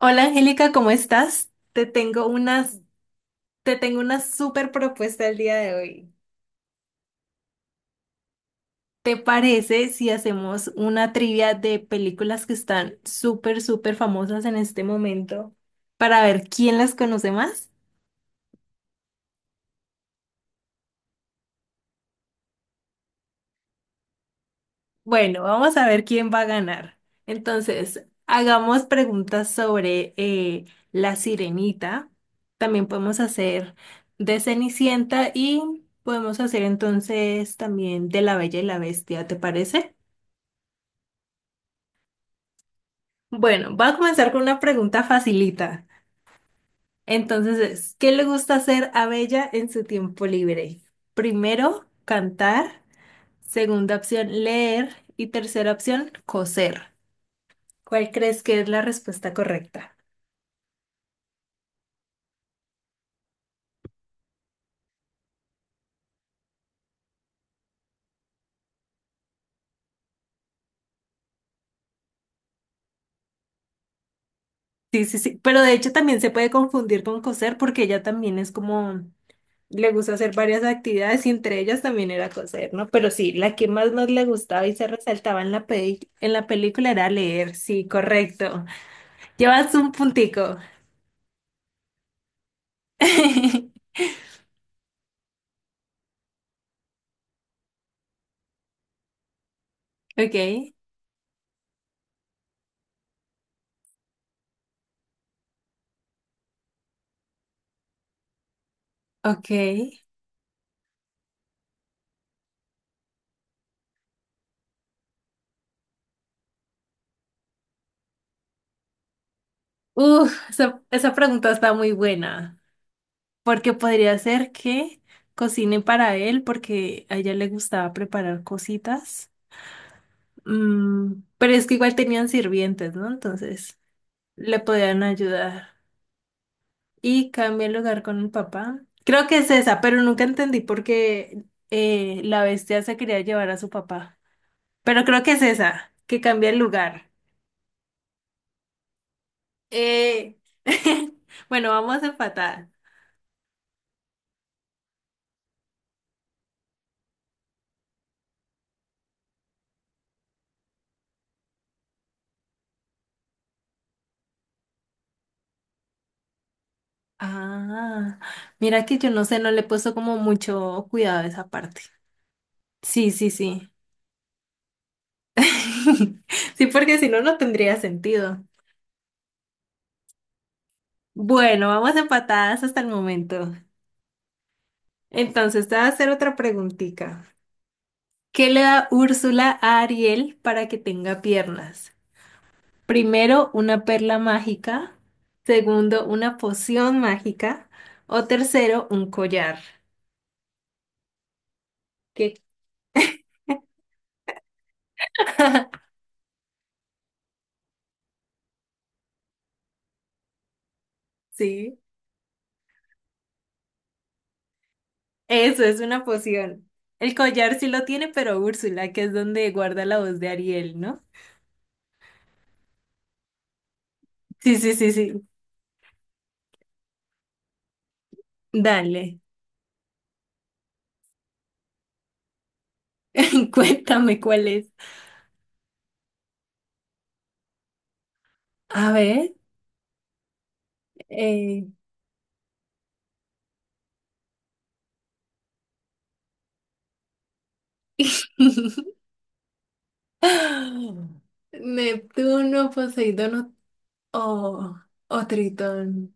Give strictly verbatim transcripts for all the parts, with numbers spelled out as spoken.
Hola Angélica, ¿cómo estás? Te tengo unas, te tengo una súper propuesta el día de hoy. ¿Te parece si hacemos una trivia de películas que están súper, súper famosas en este momento para ver quién las conoce más? Bueno, vamos a ver quién va a ganar. Entonces, hagamos preguntas sobre eh, La Sirenita. También podemos hacer de Cenicienta y podemos hacer entonces también de La Bella y la Bestia, ¿te parece? Bueno, voy a comenzar con una pregunta facilita. Entonces es, ¿qué le gusta hacer a Bella en su tiempo libre? Primero, cantar. Segunda opción, leer. Y tercera opción, coser. ¿Cuál crees que es la respuesta correcta? Sí, sí, sí. Pero de hecho también se puede confundir con coser porque ella también es como, le gusta hacer varias actividades y entre ellas también era coser, ¿no? Pero sí, la que más nos le gustaba y se resaltaba en la peli- en la película era leer. Sí, correcto. Llevas un puntico. Ok, ok. Uf, esa, esa pregunta está muy buena, porque podría ser que cocine para él, porque a ella le gustaba preparar cositas. Mm, pero es que igual tenían sirvientes, ¿no? Entonces, le podían ayudar. Y cambié el lugar con el papá. Creo que es esa, pero nunca entendí por qué eh, la bestia se quería llevar a su papá. Pero creo que es esa, que cambia el lugar. Eh, bueno, vamos empatadas. Ah, mira que yo no sé, no le he puesto como mucho cuidado a esa parte. Sí, sí, sí. Sí, porque si no, no tendría sentido. Bueno, vamos empatadas hasta el momento. Entonces, te voy a hacer otra preguntita. ¿Qué le da Úrsula a Ariel para que tenga piernas? Primero, una perla mágica. Segundo, una poción mágica. O tercero, un collar. ¿Qué? Sí, eso es una poción. El collar sí lo tiene, pero Úrsula, que es donde guarda la voz de Ariel, ¿no? Sí, sí, sí, sí. Dale, cuéntame cuál es. A ver, eh, Neptuno, Poseidón o, o o Tritón.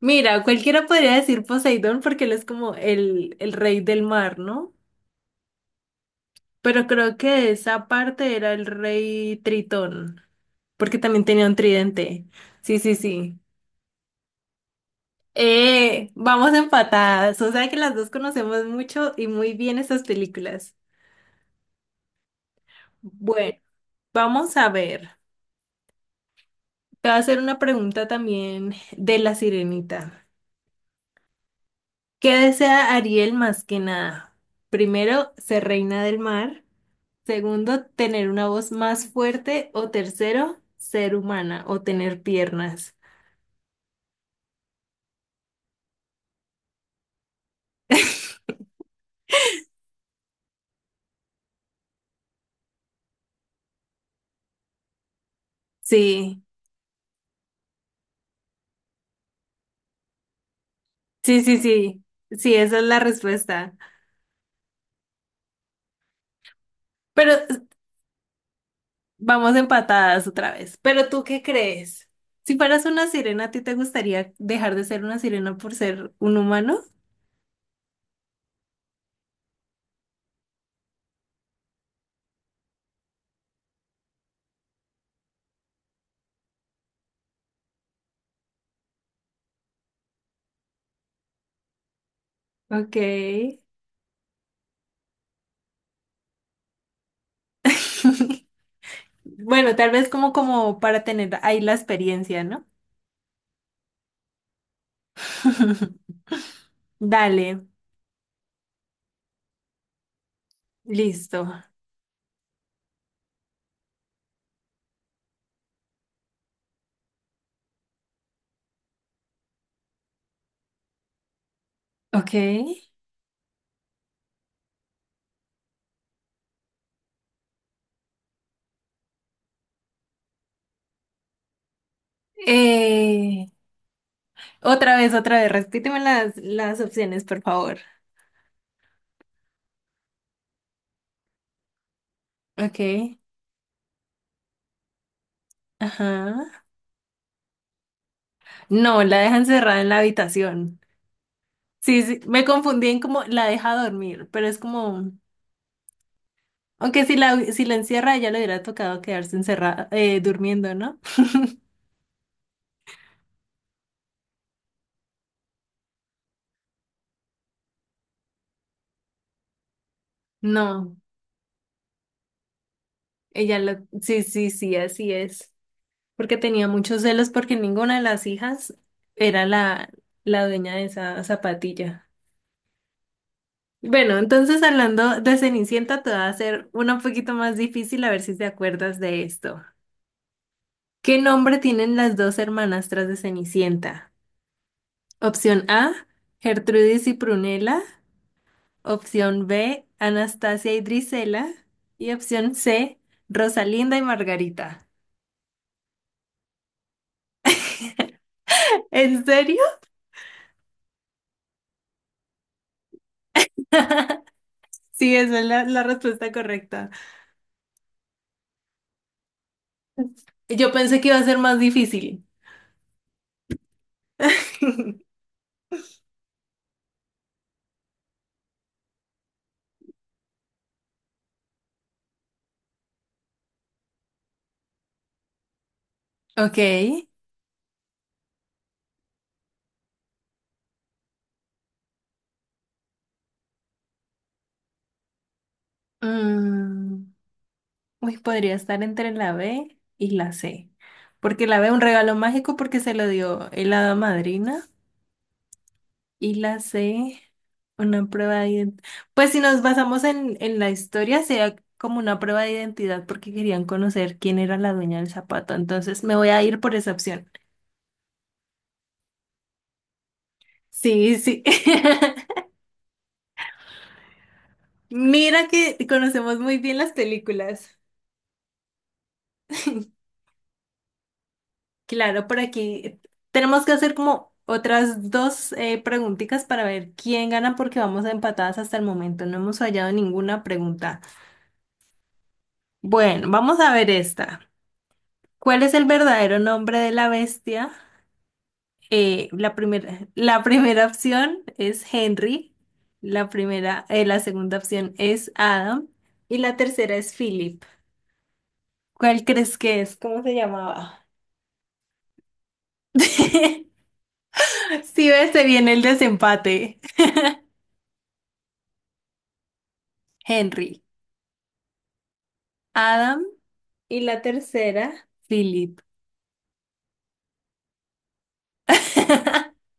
Mira, cualquiera podría decir Poseidón porque él es como el, el rey del mar, ¿no? Pero creo que esa parte era el rey Tritón, porque también tenía un tridente. Sí, sí, sí. Eh, vamos empatadas. O sea que las dos conocemos mucho y muy bien estas películas. Bueno, vamos a ver. Te voy a hacer una pregunta también de La Sirenita. ¿Qué desea Ariel más que nada? Primero, ser reina del mar. Segundo, tener una voz más fuerte. O tercero, ser humana o tener piernas. Sí, sí, sí, sí. Sí, esa es la respuesta. Pero vamos empatadas otra vez. Pero ¿tú qué crees? Si fueras una sirena, ¿a ti te gustaría dejar de ser una sirena por ser un humano? Ok. Bueno, tal vez como, como para tener ahí la experiencia, ¿no? Dale, listo. Ok. Eh, otra vez, otra vez, repíteme las, las opciones, por favor. Ok. Ajá. No, la deja encerrada en la habitación. Sí, sí, me confundí en como la deja dormir, pero es como... Aunque si la, si la encierra, ella le hubiera tocado quedarse encerrada, eh, durmiendo, ¿no? No, ella lo... Sí, sí, sí, así es. Porque tenía muchos celos porque ninguna de las hijas era la, la dueña de esa zapatilla. Bueno, entonces hablando de Cenicienta, te va a hacer una un poquito más difícil a ver si te acuerdas de esto. ¿Qué nombre tienen las dos hermanastras de Cenicienta? Opción A, Gertrudis y Prunella. Opción B, Anastasia y Drisela. Y opción C, Rosalinda y Margarita. ¿En serio? Sí, esa es la, la respuesta correcta. Yo pensé que iba a ser más difícil. Ok. Mm, uy, podría estar entre la B y la C. Porque la B un regalo mágico porque se lo dio el hada madrina. Y la C, una prueba de identidad. Pues si nos basamos en, en la historia, sea como una prueba de identidad porque querían conocer quién era la dueña del zapato. Entonces me voy a ir por esa opción. Sí, sí. Mira que conocemos muy bien las películas. Claro, por aquí tenemos que hacer como otras dos eh, preguntitas para ver quién gana porque vamos a empatadas hasta el momento. No hemos fallado ninguna pregunta. Bueno, vamos a ver esta. ¿Cuál es el verdadero nombre de la bestia? Eh, la primera, la primera opción es Henry, la primera, eh, la segunda opción es Adam y la tercera es Philip. ¿Cuál crees que es? ¿Cómo se llamaba? Si ves, se viene el desempate. Henry, Adam y la tercera, Philip.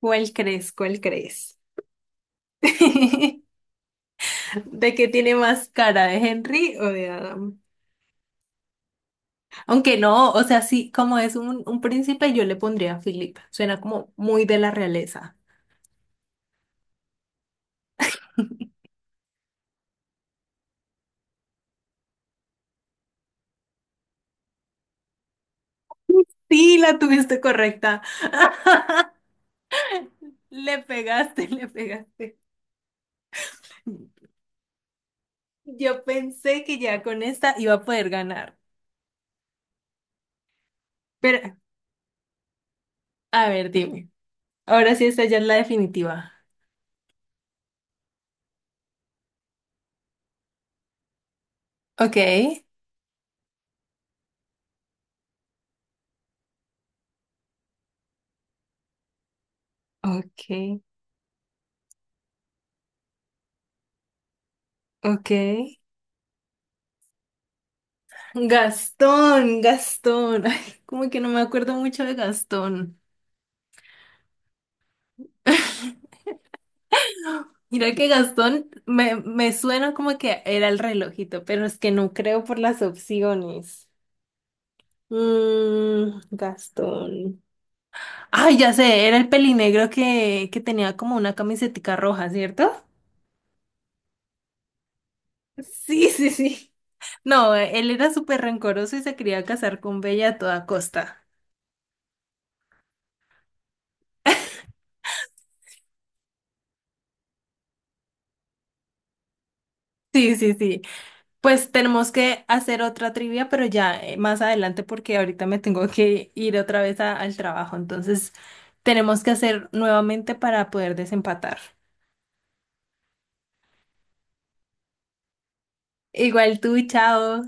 ¿Cuál crees? ¿Cuál crees? ¿De qué tiene más cara, de Henry o de Adam? Aunque no, o sea, sí, como es un, un príncipe, yo le pondría a Philip. Suena como muy de la realeza. Sí, la tuviste correcta. Le pegaste, le pegaste. Yo pensé que ya con esta iba a poder ganar. Pero, a ver, dime. Ahora sí, esta ya es la definitiva. Ok, ok, ok. Gastón, Gastón. Ay, como que no me acuerdo mucho de Gastón. Mira que Gastón me, me suena como que era el relojito, pero es que no creo por las opciones. Mm, Gastón. Ay, ya sé, era el pelinegro que, que tenía como una camisetica roja, ¿cierto? Sí, sí, sí. No, él era súper rencoroso y se quería casar con Bella a toda costa. Sí, sí, sí. Pues tenemos que hacer otra trivia, pero ya eh, más adelante porque ahorita me tengo que ir otra vez a- al trabajo. Entonces tenemos que hacer nuevamente para poder desempatar. Igual tú, chao.